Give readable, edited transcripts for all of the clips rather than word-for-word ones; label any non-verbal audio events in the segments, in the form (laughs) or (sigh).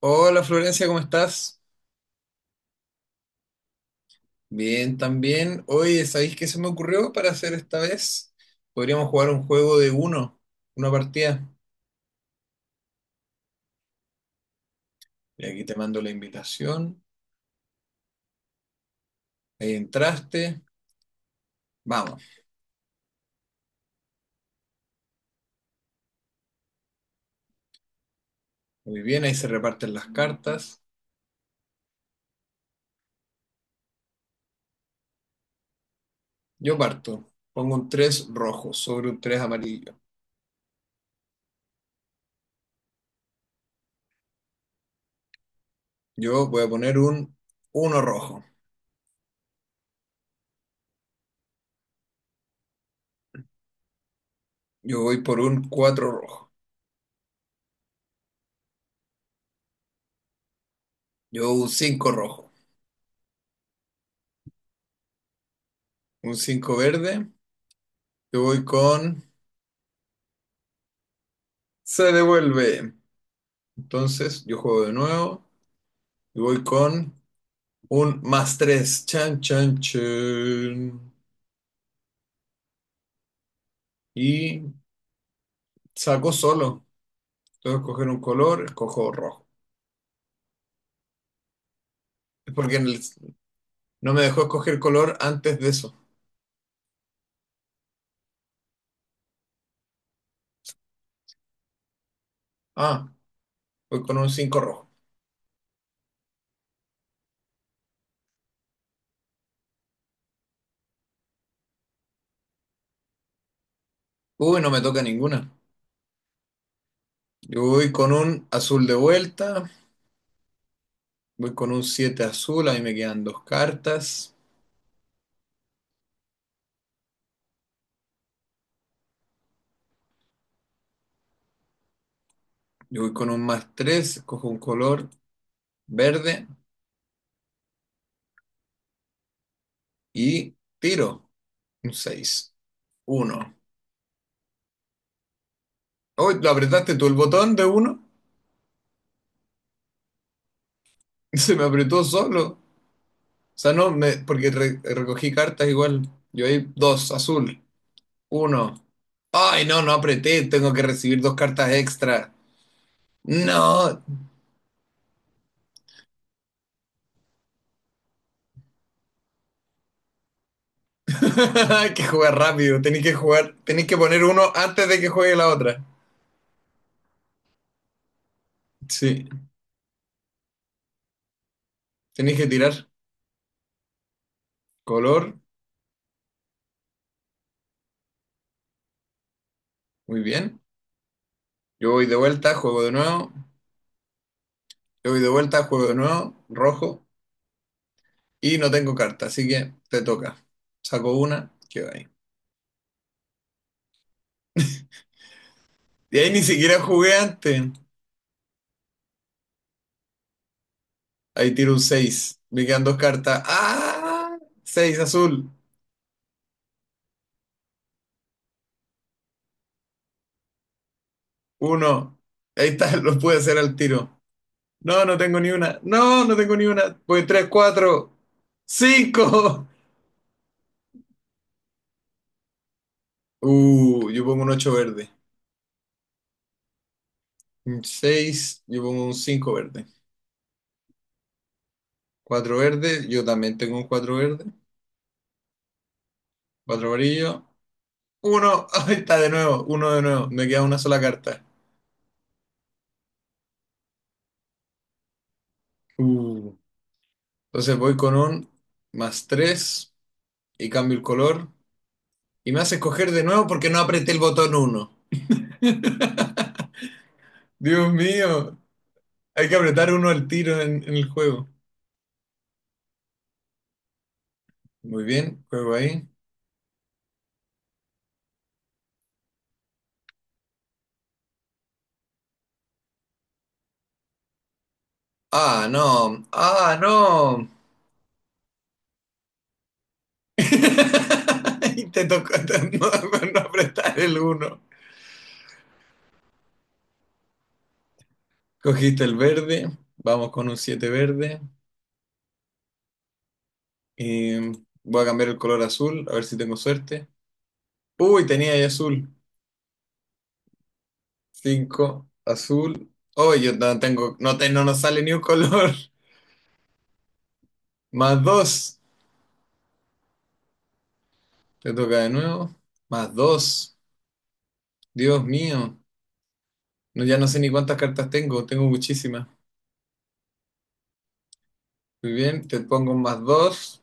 Hola Florencia, ¿cómo estás? Bien, también. Oye, ¿sabéis qué se me ocurrió para hacer esta vez? Podríamos jugar un juego de uno, una partida. Y aquí te mando la invitación. Ahí entraste. Vamos. Muy bien, ahí se reparten las cartas. Yo parto. Pongo un 3 rojo sobre un 3 amarillo. Yo voy a poner un uno rojo. Yo voy por un 4 rojo. Yo un cinco rojo. Un 5 verde. Yo voy con... Se devuelve. Entonces, yo juego de nuevo y voy con un más tres. Chan, chan, chan. Y saco solo. Tengo que escoger un color, escojo rojo. Es porque no me dejó escoger color antes de eso. Ah, voy con un 5 rojo. Uy, no me toca ninguna. Yo voy con un azul de vuelta. Voy con un 7 azul. Ahí me quedan dos cartas. Yo voy con un más 3. Escojo un color verde. Y tiro. Un seis. Uno. Hoy lo apretaste tú el botón de uno. (laughs) Se me apretó solo. O sea, no, me, porque recogí cartas igual. Yo ahí dos, azul, uno. Ay, no, no apreté, tengo que recibir dos cartas extra. No, (laughs) hay que jugar rápido, tenéis que jugar, tenéis que poner uno antes de que juegue la otra. Sí, tenéis que tirar color, muy bien. Yo voy de vuelta, juego de nuevo, yo voy de vuelta, juego de nuevo, rojo, y no tengo carta, así que te toca. Saco una, que va. Y ahí ni siquiera jugué antes. Ahí tiro un seis. Me quedan dos cartas. ¡Ah! Seis azul. Uno. Ahí está, (laughs) lo pude hacer al tiro. No, no tengo ni una. No, no tengo ni una. Voy 3 4 cinco. (laughs) Yo pongo un 8 verde. Un 6, yo pongo un 5 verde. Cuatro verde, yo también tengo un 4 verde. Cuatro amarillo. Uno. (laughs) Ahí está de nuevo. Uno de nuevo. Me queda una sola carta. Uh, entonces voy con un más 3 y cambio el color y me hace escoger de nuevo porque no apreté el botón uno. (laughs) Dios mío, hay que apretar uno al tiro en el juego. Muy bien, juego ahí. Ah, no, ah, no. (laughs) Y te tocó no, no apretar el uno. Cogiste el verde, vamos con un 7 verde. Y voy a cambiar el color azul, a ver si tengo suerte. Uy, tenía ahí azul. Cinco azul. Uy, yo no tengo, no, no nos sale ni un color. (laughs) Más dos. Te toca de nuevo. Más dos. Dios mío. No, ya no sé ni cuántas cartas tengo. Tengo muchísimas. Muy bien. Te pongo un más dos.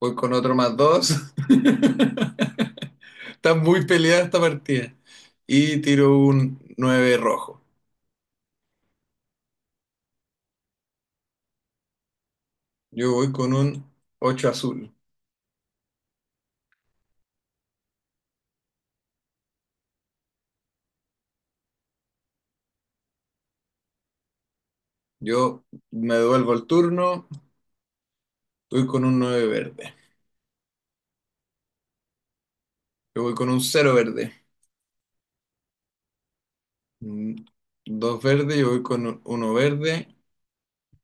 Voy con otro más dos. (laughs) Está muy peleada esta partida. Y tiro un 9 rojo. Yo voy con un 8 azul. Yo me devuelvo el turno. Voy con un 9 verde. Yo voy con un cero verde. Mm, Dos verde. Yo voy con uno verde.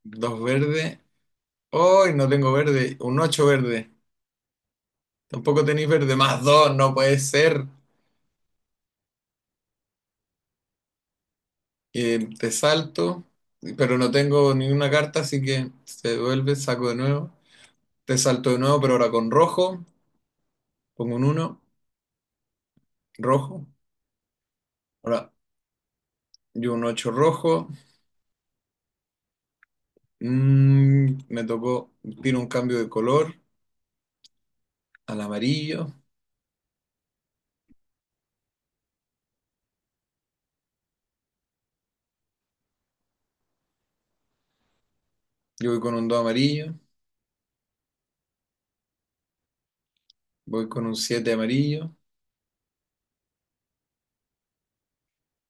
Dos verde. Hoy no tengo verde, un 8 verde. Tampoco tenéis verde, más 2 no puede ser. Te salto, pero no tengo ninguna carta, así que se devuelve, saco de nuevo. Te salto de nuevo, pero ahora con rojo. Pongo un uno rojo. Ahora yo un 8 rojo. Me tocó, tiro un cambio de color al amarillo. Yo voy con un 2 amarillo, voy con un 7 amarillo,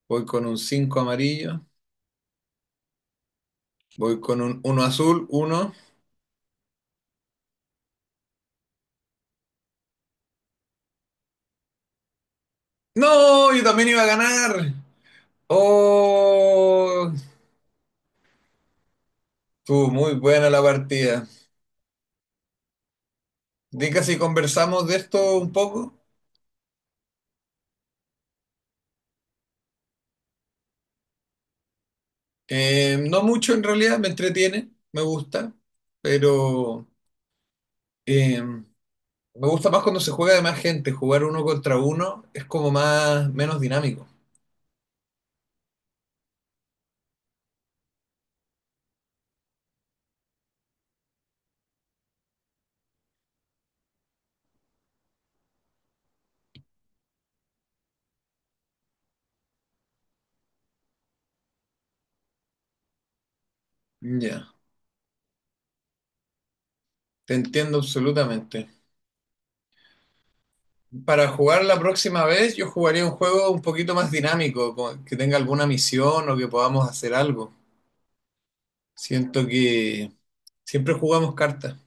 voy con un 5 amarillo, voy con un uno azul, uno. No, yo también iba a ganar. Oh, estuvo muy buena la partida. Dica si conversamos de esto un poco. No mucho en realidad, me entretiene, me gusta, pero me gusta más cuando se juega de más gente. Jugar uno contra uno es como más, menos dinámico. Ya, te entiendo absolutamente. Para jugar la próxima vez, yo jugaría un juego un poquito más dinámico, como que tenga alguna misión o que podamos hacer algo. Siento que siempre jugamos cartas,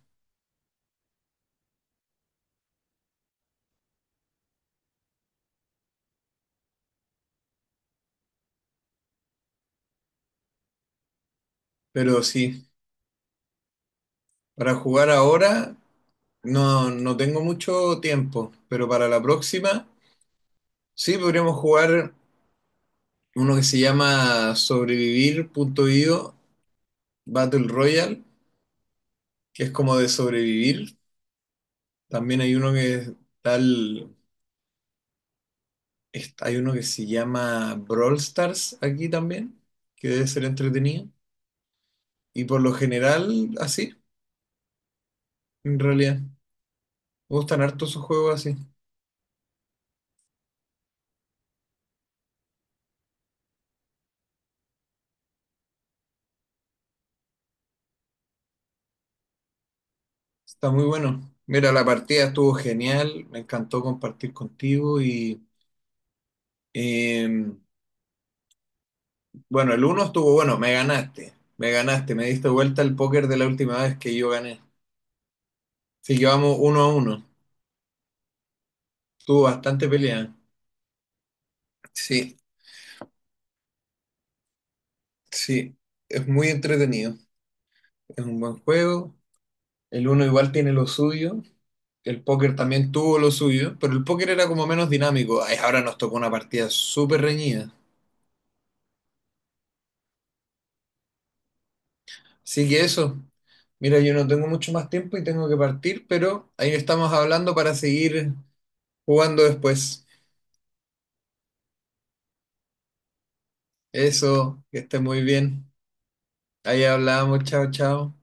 pero sí, para jugar ahora no, no tengo mucho tiempo, pero para la próxima sí podríamos jugar uno que se llama Sobrevivir.io Battle Royale, que es como de sobrevivir. También hay uno que es tal, hay uno que se llama Brawl Stars aquí también, que debe ser entretenido. Y por lo general, así, en realidad. Me gustan harto esos juegos así. Está muy bueno. Mira, la partida estuvo genial, me encantó compartir contigo y eh, bueno, el uno estuvo bueno, me ganaste, me ganaste, me diste vuelta el póker de la última vez que yo gané. Sí, llevamos uno a uno, estuvo bastante pelea. Sí, sí, es muy entretenido, es un buen juego, el uno igual tiene lo suyo, el póker también tuvo lo suyo, pero el póker era como menos dinámico. Ay, ahora nos tocó una partida súper reñida. Así que eso. Mira, yo no tengo mucho más tiempo y tengo que partir, pero ahí estamos hablando para seguir jugando después. Eso, que esté muy bien. Ahí hablamos, chao, chao.